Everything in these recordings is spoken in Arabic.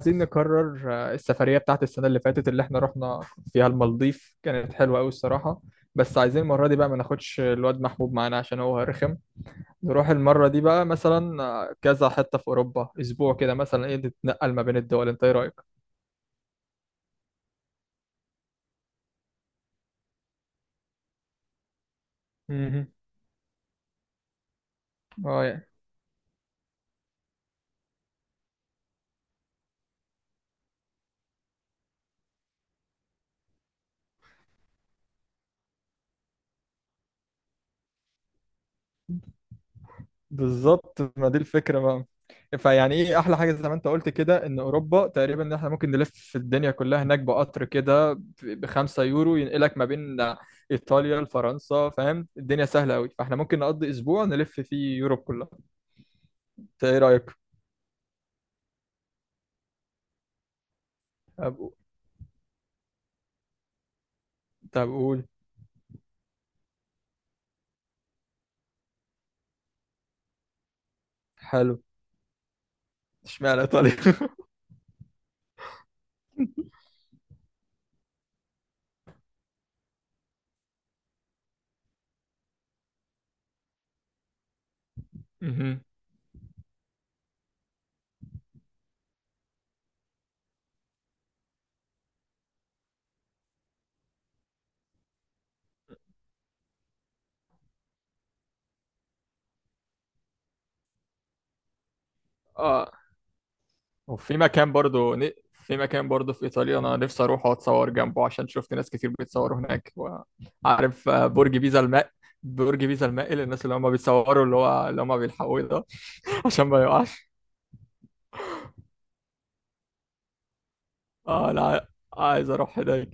عايزين نكرر السفرية بتاعت السنة اللي فاتت اللي احنا رحنا فيها المالديف كانت حلوة أوي الصراحة. بس عايزين المرة دي بقى ما ناخدش الواد محبوب معانا عشان هو رخم. نروح المرة دي بقى مثلا كذا حتة في أوروبا، أسبوع كده مثلا، ايه، نتنقل ما بين الدول. انت ايه رأيك؟ مهم. اه. بالظبط، ما دي الفكرة بقى. فيعني ايه احلى حاجة زي ما انت قلت كده، ان اوروبا تقريبا ان احنا ممكن نلف في الدنيا كلها هناك بقطر كده ب5 يورو ينقلك ما بين ايطاليا لفرنسا، فاهم، الدنيا سهلة قوي، فاحنا ممكن نقضي اسبوع نلف فيه يوروب كلها. انت ايه رأيك؟ طب طب قول. حلو. اشمعنى ايطاليا؟ مهم. اه. وفي مكان برضو ن- في مكان برضو في إيطاليا أنا نفسي أروح وأتصور جنبه، عشان شفت ناس كتير بيتصوروا هناك وعارف، برج بيزا المائل، الناس اللي هم بيتصوروا اللي هو اللي هم بيلحقوه ده. عشان ما يقعش. اه لا، عايز أروح هناك.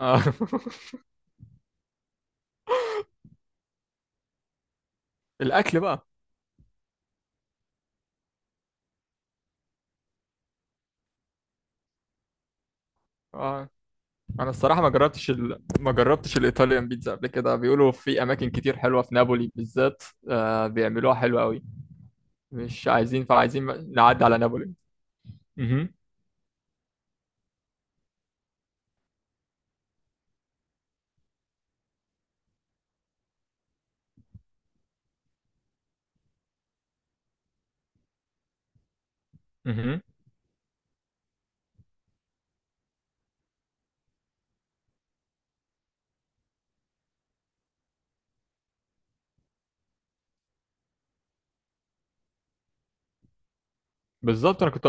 آه. الأكل بقى. آه. أنا الصراحة ما جربتش الإيطاليان بيتزا قبل كده، بيقولوا في أماكن كتير حلوة في نابولي بالذات، آه، بيعملوها حلوة أوي. مش عايزين، فعايزين نعدي على نابولي. مهم. مهم. بالظبط. انا كنت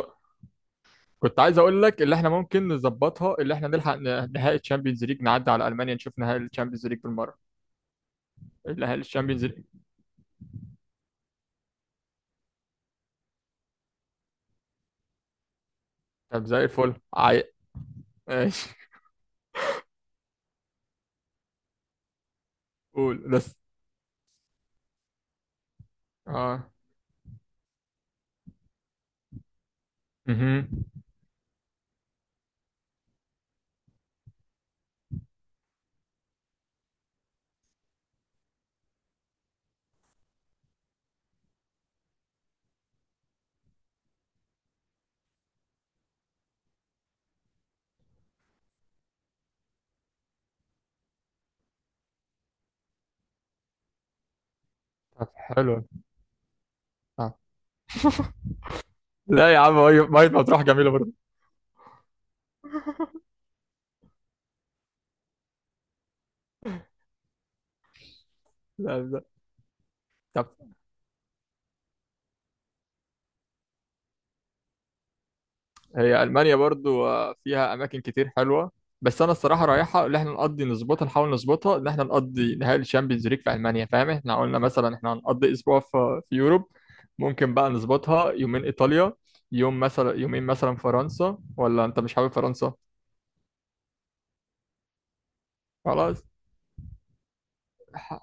كنت عايز اقول لك اللي احنا ممكن نظبطها، اللي احنا نلحق نهائي الشامبيونز ليج، نعدي على المانيا نشوف نهائي الشامبيونز ليج بالمره. نهائي الشامبيونز ليج. طب زي الفل. عاي، ماشي. قول بس. اه. مهم. طب حلو. آه. لا يا عم، ميه مية مطروح جميله برضه. لا لا. طب. هي ألمانيا برضو فيها أماكن كتير حلوة، بس أنا الصراحة رايحة اللي احنا نقضي نظبطها، نحاول نظبطها إن احنا نقضي نهائي الشامبيونز ليج في ألمانيا، فاهم. احنا قلنا مثلا احنا هنقضي أسبوع في يوروب. ممكن بقى نظبطها يومين إيطاليا، يوم مثلا، يومين مثلا فرنسا، ولا أنت مش حابب فرنسا؟ خلاص. ح-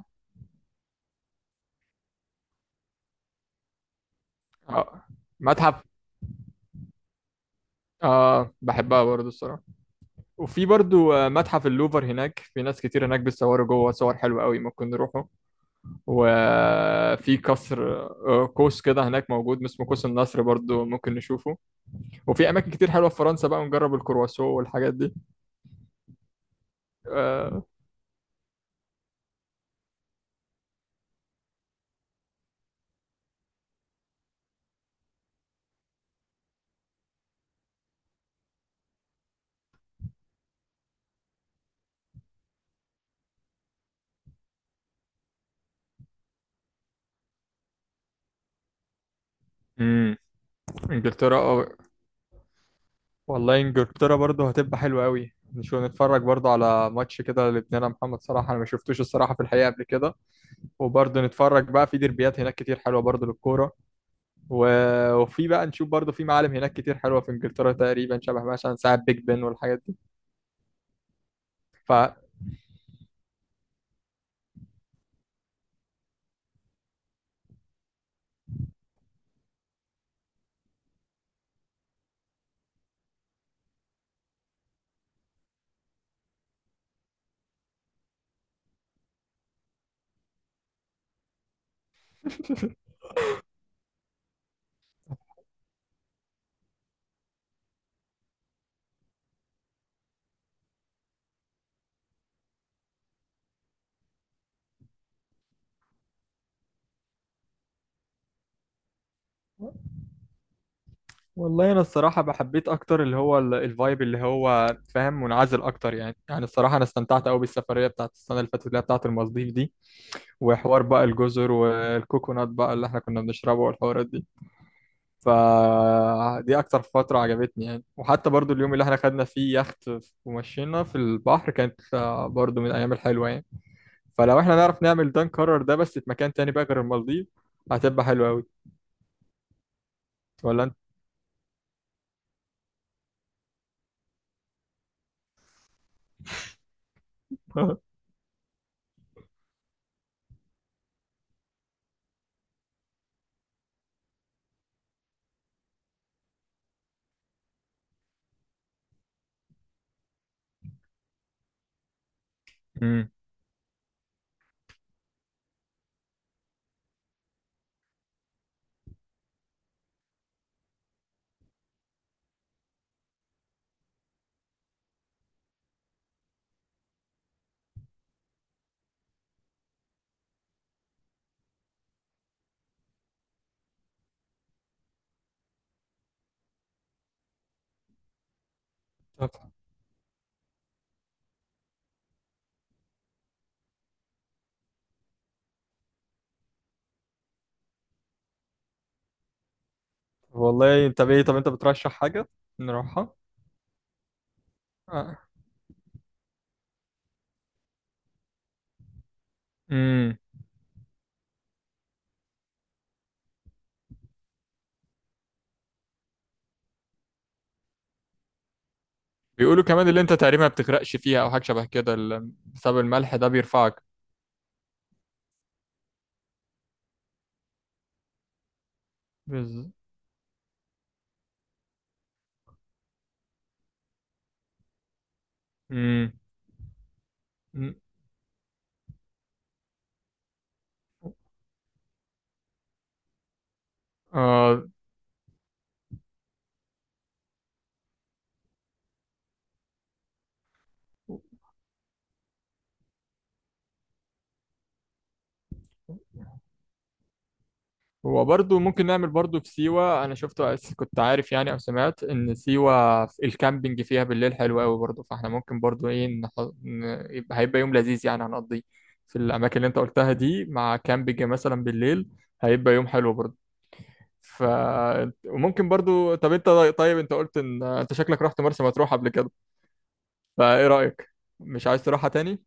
آه، متحف آه بحبها برضو الصراحة. وفي برضو متحف اللوفر هناك، في ناس كتير هناك بتصوروا جوه صور حلوة قوي، ممكن نروحوا. وفي قصر، قوس كده هناك موجود اسمه قوس النصر برضو ممكن نشوفه. وفي اماكن كتير حلوه في فرنسا، بقى نجرب الكرواسون والحاجات دي. آه، امم. انجلترا. والله انجلترا برضو هتبقى حلوه قوي، نشوف نتفرج برضو على ماتش كده لابننا محمد صلاح، انا ما شفتوش الصراحه في الحقيقه قبل كده. وبرضو نتفرج بقى في ديربيات هناك كتير حلوه برضو للكوره. وفي بقى نشوف برضو في معالم هناك كتير حلوه في انجلترا، تقريبا شبه مثلا ساعه بيج بن والحاجات دي. ف والله انا الصراحه بحبيت اكتر اللي هو الفايب اللي هو فاهم منعزل اكتر يعني. يعني الصراحه انا استمتعت قوي بالسفريه بتاعت السنه اللي فاتت اللي هي بتاعت المالديف دي، وحوار بقى الجزر والكوكونات بقى اللي احنا كنا بنشربه والحوارات دي. فدي اكتر فتره عجبتني يعني. وحتى برضو اليوم اللي احنا خدنا فيه يخت ومشينا في البحر كانت برضو من الايام الحلوه يعني. فلو احنا نعرف نعمل ده، نكرر ده بس في مكان تاني بقى غير المالديف، هتبقى حلوه قوي. ولا انت. مم. والله طب ايه، طب انت بترشح حاجة نروحها؟ آه. امم. بيقولوا كمان اللي انت تقريبا ما بتغرقش فيها، او حاجة شبه كده، بسبب الملح ده بيرفعك. بز... امم. أمم. آه. هو برضو ممكن نعمل برضو في سيوة. انا شفت، كنت عارف يعني، او سمعت ان سيوة في الكامبينج فيها بالليل حلو قوي برضو، فاحنا ممكن برضو ايه ن... يبقى هيبقى يوم لذيذ يعني هنقضيه في الاماكن اللي انت قلتها دي، مع كامبينج مثلا بالليل، هيبقى يوم حلو برضو. ف وممكن برضو، طب انت طيب انت قلت ان انت شكلك رحت مرسى مطروح قبل كده، فايه رأيك، مش عايز تروحها تاني؟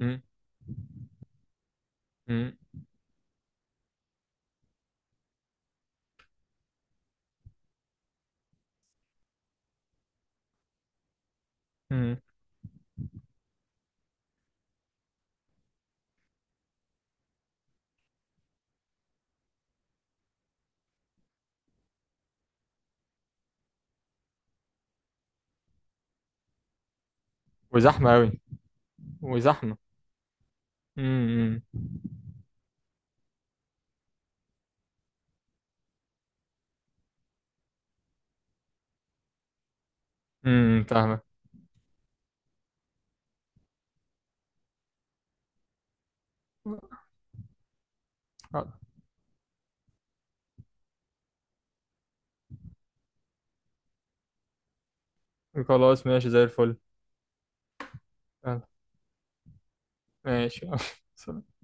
امم. امم. امم. وزحمة قوي. وزحمة. امم. امم، فاهمك. خلاص ماشي زي الفل. يلا، ماشي. سلام.